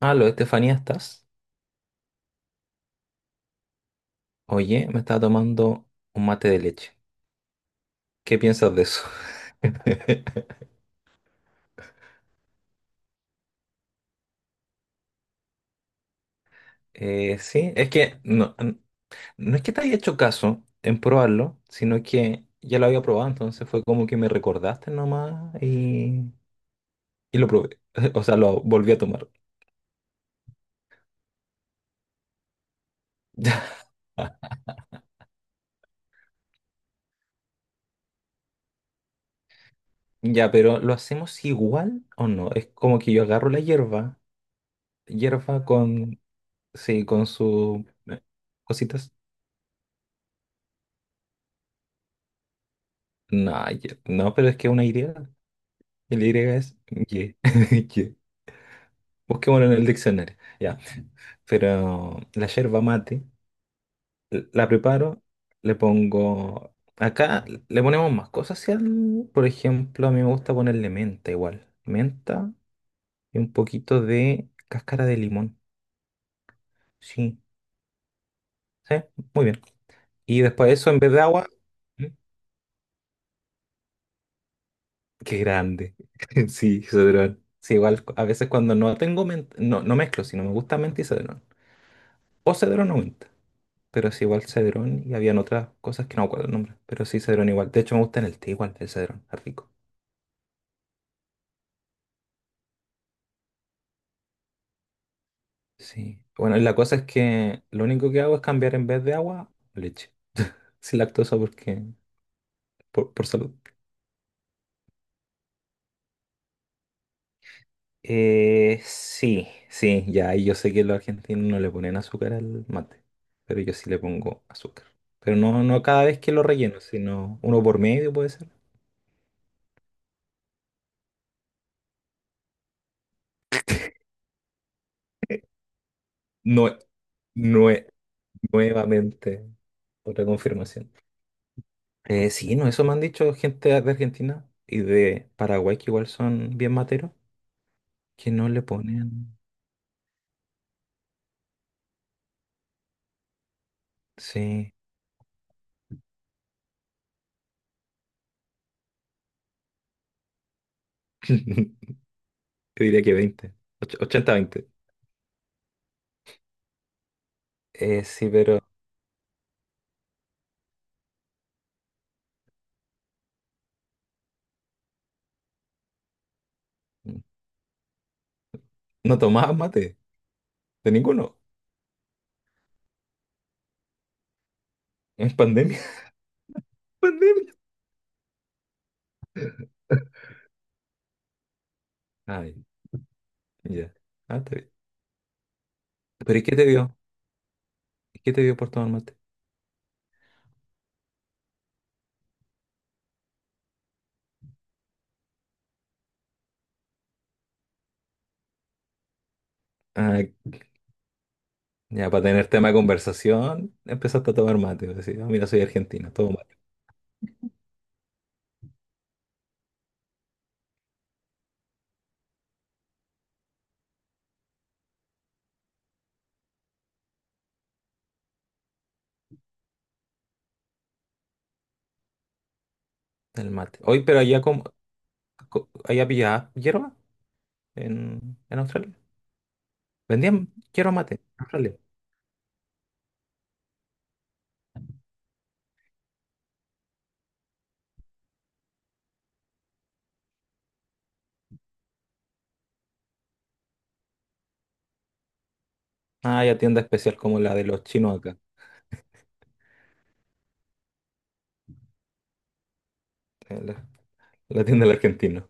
Aló, Estefanía, ¿estás? Oye, me estaba tomando un mate de leche. ¿Qué piensas de eso? Sí, es que no es que te haya hecho caso en probarlo, sino que ya lo había probado, entonces fue como que me recordaste nomás y lo probé. O sea, lo volví a tomar. Ya, pero ¿lo hacemos igual o no? Es como que yo agarro la hierba con, sí, con sus cositas. No, no, pero es que una idea. El Y es ye, ye. Busquémoslo en el diccionario. Ya. Pero la yerba mate, la preparo, le pongo. Acá le ponemos más cosas. Si por ejemplo, a mí me gusta ponerle menta igual. Menta y un poquito de cáscara de limón. Sí, sí, muy bien. Y después de eso, en vez de agua. ¿Mm? Qué grande. Sí, cedrón. Sí, igual a veces cuando no tengo menta, no mezclo, si no me gusta menta y cedrón. O cedrón o menta. Pero sí igual cedrón y habían otras cosas que no me acuerdo el nombre, pero sí cedrón igual. De hecho me gusta en el té igual, el cedrón, es rico. Sí. Bueno, y la cosa es que lo único que hago es cambiar en vez de agua, leche. Sin lactosa porque, por salud. Sí, ya, y yo sé que los argentinos no le ponen azúcar al mate, pero yo sí le pongo azúcar. Pero no cada vez que lo relleno, sino uno por medio puede ser. No, nue- nuevamente, otra confirmación. Sí, no, eso me han dicho gente de Argentina y de Paraguay, que igual son bien materos, que no le ponen. Sí. Yo diría que 20, 80-20. Sí, pero no tomabas mate de ninguno. En pandemia. Pandemia. Ay, ya. Ah, está bien. ¿Pero y qué te dio? ¿Qué te dio por tomar mate? Ah, ya, para tener tema de conversación, empezaste a tomar mate. Decís: "Ah, mira, soy argentina, tomo mate". El mate. Hoy, pero allá, como, allá pillaba hierba en Australia. Vendían quiero mate, Australia. Ah, ya, tienda especial como la de los chinos acá, la, la tienda del argentino.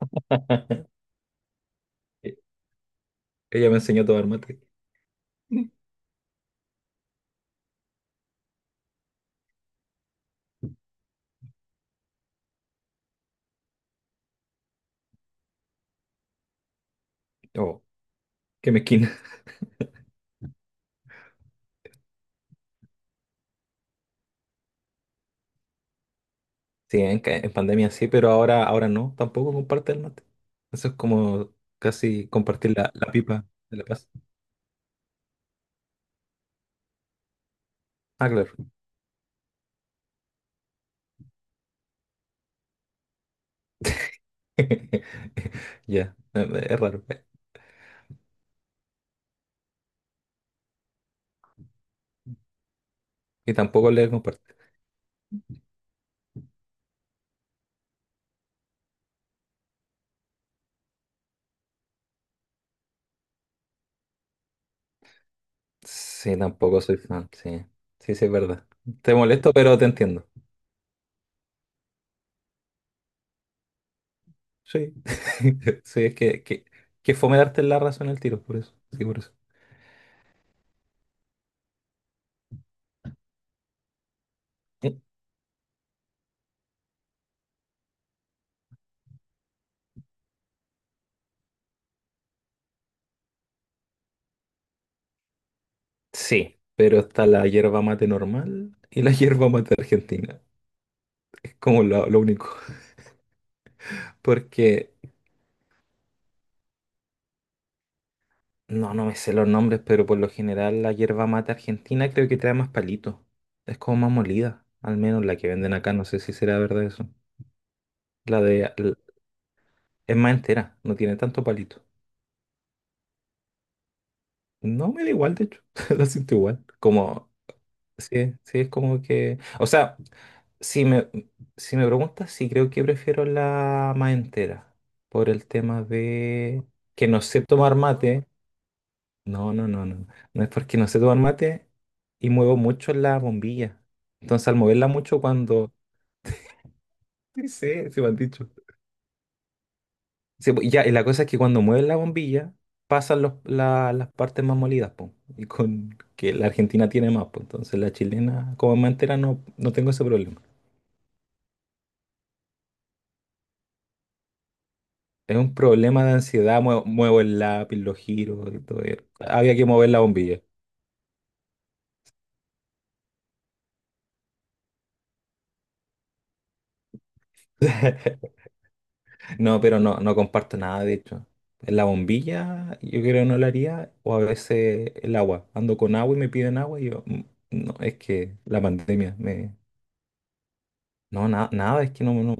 E- Ella me enseñó a tomar mate. Oh, qué mezquina. Sí, en, en pandemia sí, pero ahora, ahora no, tampoco comparte el mate. Eso es como casi compartir la, la pipa de la paz. Ah, claro. Ya, es raro. Y tampoco le comparte. Sí, tampoco soy fan, sí. Sí, sí, es verdad. Te molesto, pero te entiendo. Sí. Sí, es que, que fome darte la razón al tiro, por eso. Sí, por eso. Eh, Sí, pero está la hierba mate normal y la hierba mate argentina. Es como lo único. Porque no, no me sé los nombres, pero por lo general la hierba mate argentina creo que trae más palitos. Es como más molida. Al menos la que venden acá, no sé si será verdad eso. La de l- es más entera, no tiene tanto palito. No, me da igual, de hecho. La siento igual. Como, sí, sí, es como que. O sea. Si me, si me preguntas, sí creo que prefiero la más entera, por el tema de que no sé tomar mate. No, no, no, no. No es porque no sé tomar mate y muevo mucho la bombilla. Entonces, al moverla mucho cuando... Sí, sí, sí me han dicho. Sí, pues, ya, y la cosa es que cuando mueves la bombilla, pasan las partes más molidas, po. Y con que la Argentina tiene más, po. Entonces, la chilena, como es más entera, no tengo ese problema. Es un problema de ansiedad, muevo el lápiz, lo giro y todo. Eso. Había que mover la bombilla. No, pero no comparto nada, de hecho. La bombilla, yo creo que no la haría, o a veces el agua. Ando con agua y me piden agua y yo, no, es que la pandemia me... No, nada, es que no.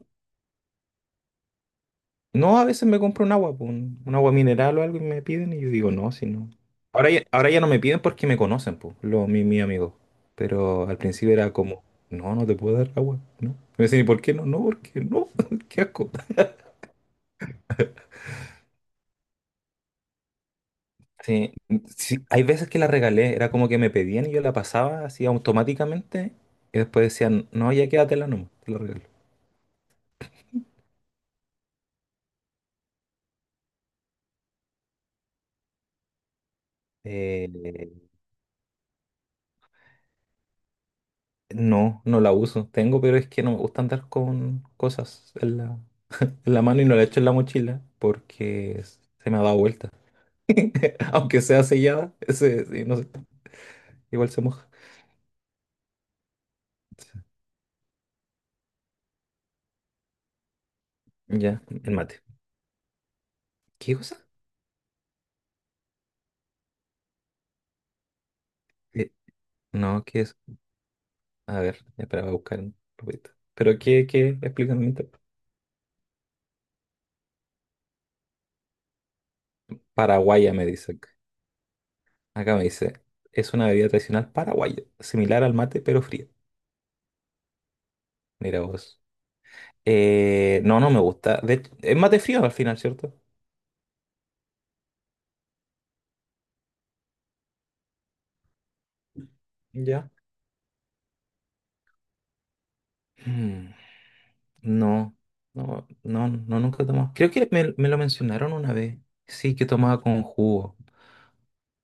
No, a veces me compro un agua, pues, un agua mineral o algo y me piden y yo digo, no, si no. Ahora ya no me piden porque me conocen, pues, los, mi amigo. Pero al principio era como, no, no te puedo dar agua, no. Y me decían: ¿y por qué no? No, porque no, qué asco. Sí, sí, hay veces que la regalé, era como que me pedían y yo la pasaba así automáticamente y después decían, no, ya quédatela nomás, te la regalo. Eh, no, no la uso, tengo, pero es que no me gusta andar con cosas en la mano y no la echo en la mochila porque se me ha dado vuelta. Aunque sea sellada, ese, sí, no sé, igual se moja. Sí. Ya, el mate. ¿Qué cosa? Eh, no, ¿qué es? A ver, espera, voy a buscar un poquito. ¿Pero qué, qué? Explícame un poco. Paraguaya, me dice acá. Acá me dice, es una bebida tradicional paraguaya, similar al mate, pero fría. Mira vos. No, no me gusta. De hecho, es mate frío al final, ¿cierto? Ya. Mm. No, no, no, no, nunca he tomado. Creo que me lo mencionaron una vez. Sí, que tomaba con jugo.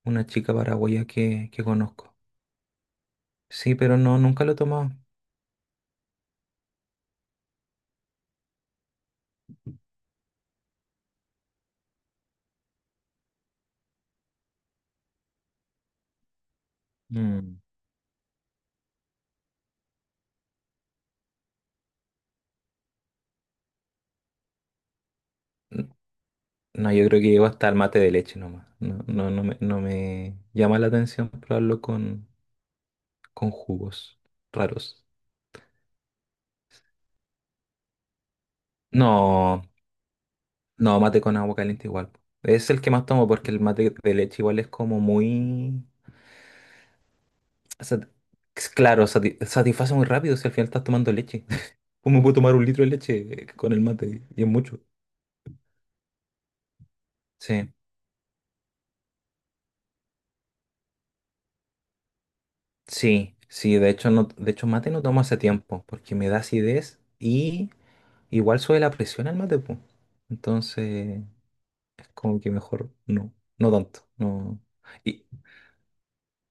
Una chica paraguaya que conozco. Sí, pero no, nunca lo he tomado. Mm. N- No, yo creo que llego hasta el mate de leche nomás. No, no, no me, no me llama la atención probarlo con jugos raros. No, no, mate con agua caliente igual. Es el que más tomo porque el mate de leche igual es como muy... O claro, satisface muy rápido si al final estás tomando leche. ¿Cómo puedo tomar un litro de leche con el mate? Y es mucho. Sí, sí, sí, de hecho no, de hecho mate no tomo hace tiempo, porque me da acidez y igual sube la presión al mate, po. Entonces, es como que mejor no, no tanto, no. Y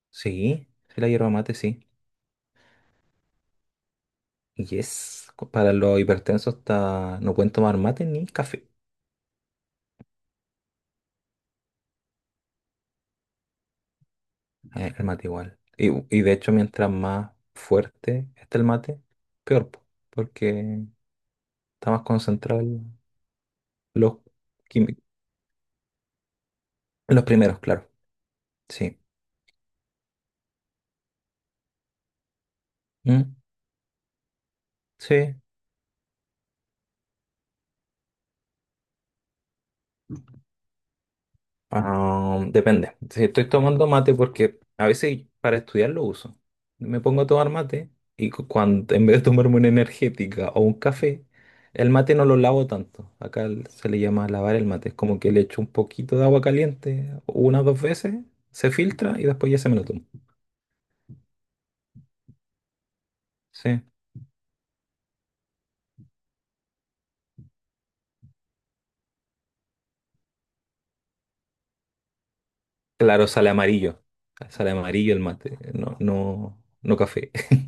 sí, sí la hierba mate, sí. Y es, para los hipertensos está, no pueden tomar mate ni café, el mate igual. Y de hecho mientras más fuerte está el mate, peor, po, porque está más concentrado. Los, quimi- los primeros, claro. Sí. Mm. Sí. Ah, depende. Si estoy tomando mate porque a veces para estudiar lo uso. Me pongo a tomar mate y cuando en vez de tomarme una energética o un café, el mate no lo lavo tanto. Acá se le llama lavar el mate. Es como que le echo un poquito de agua caliente unas 2 veces, se filtra y después ya se me lo tomo. Sí. Claro, sale amarillo. Sale amarillo el mate. No, no, no café.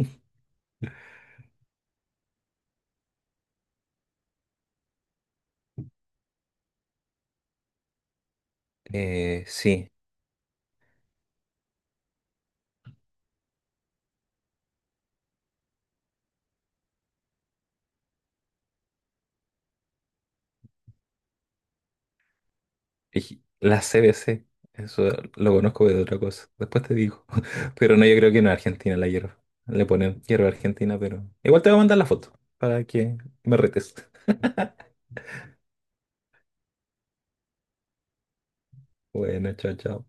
Sí. Y la CBC, eso lo conozco de otra cosa. Después te digo. Pero no, yo creo que no es Argentina la hierba. Le ponen hierba argentina, pero. Igual te voy a mandar la foto para que me retes. Bueno, chao, chao.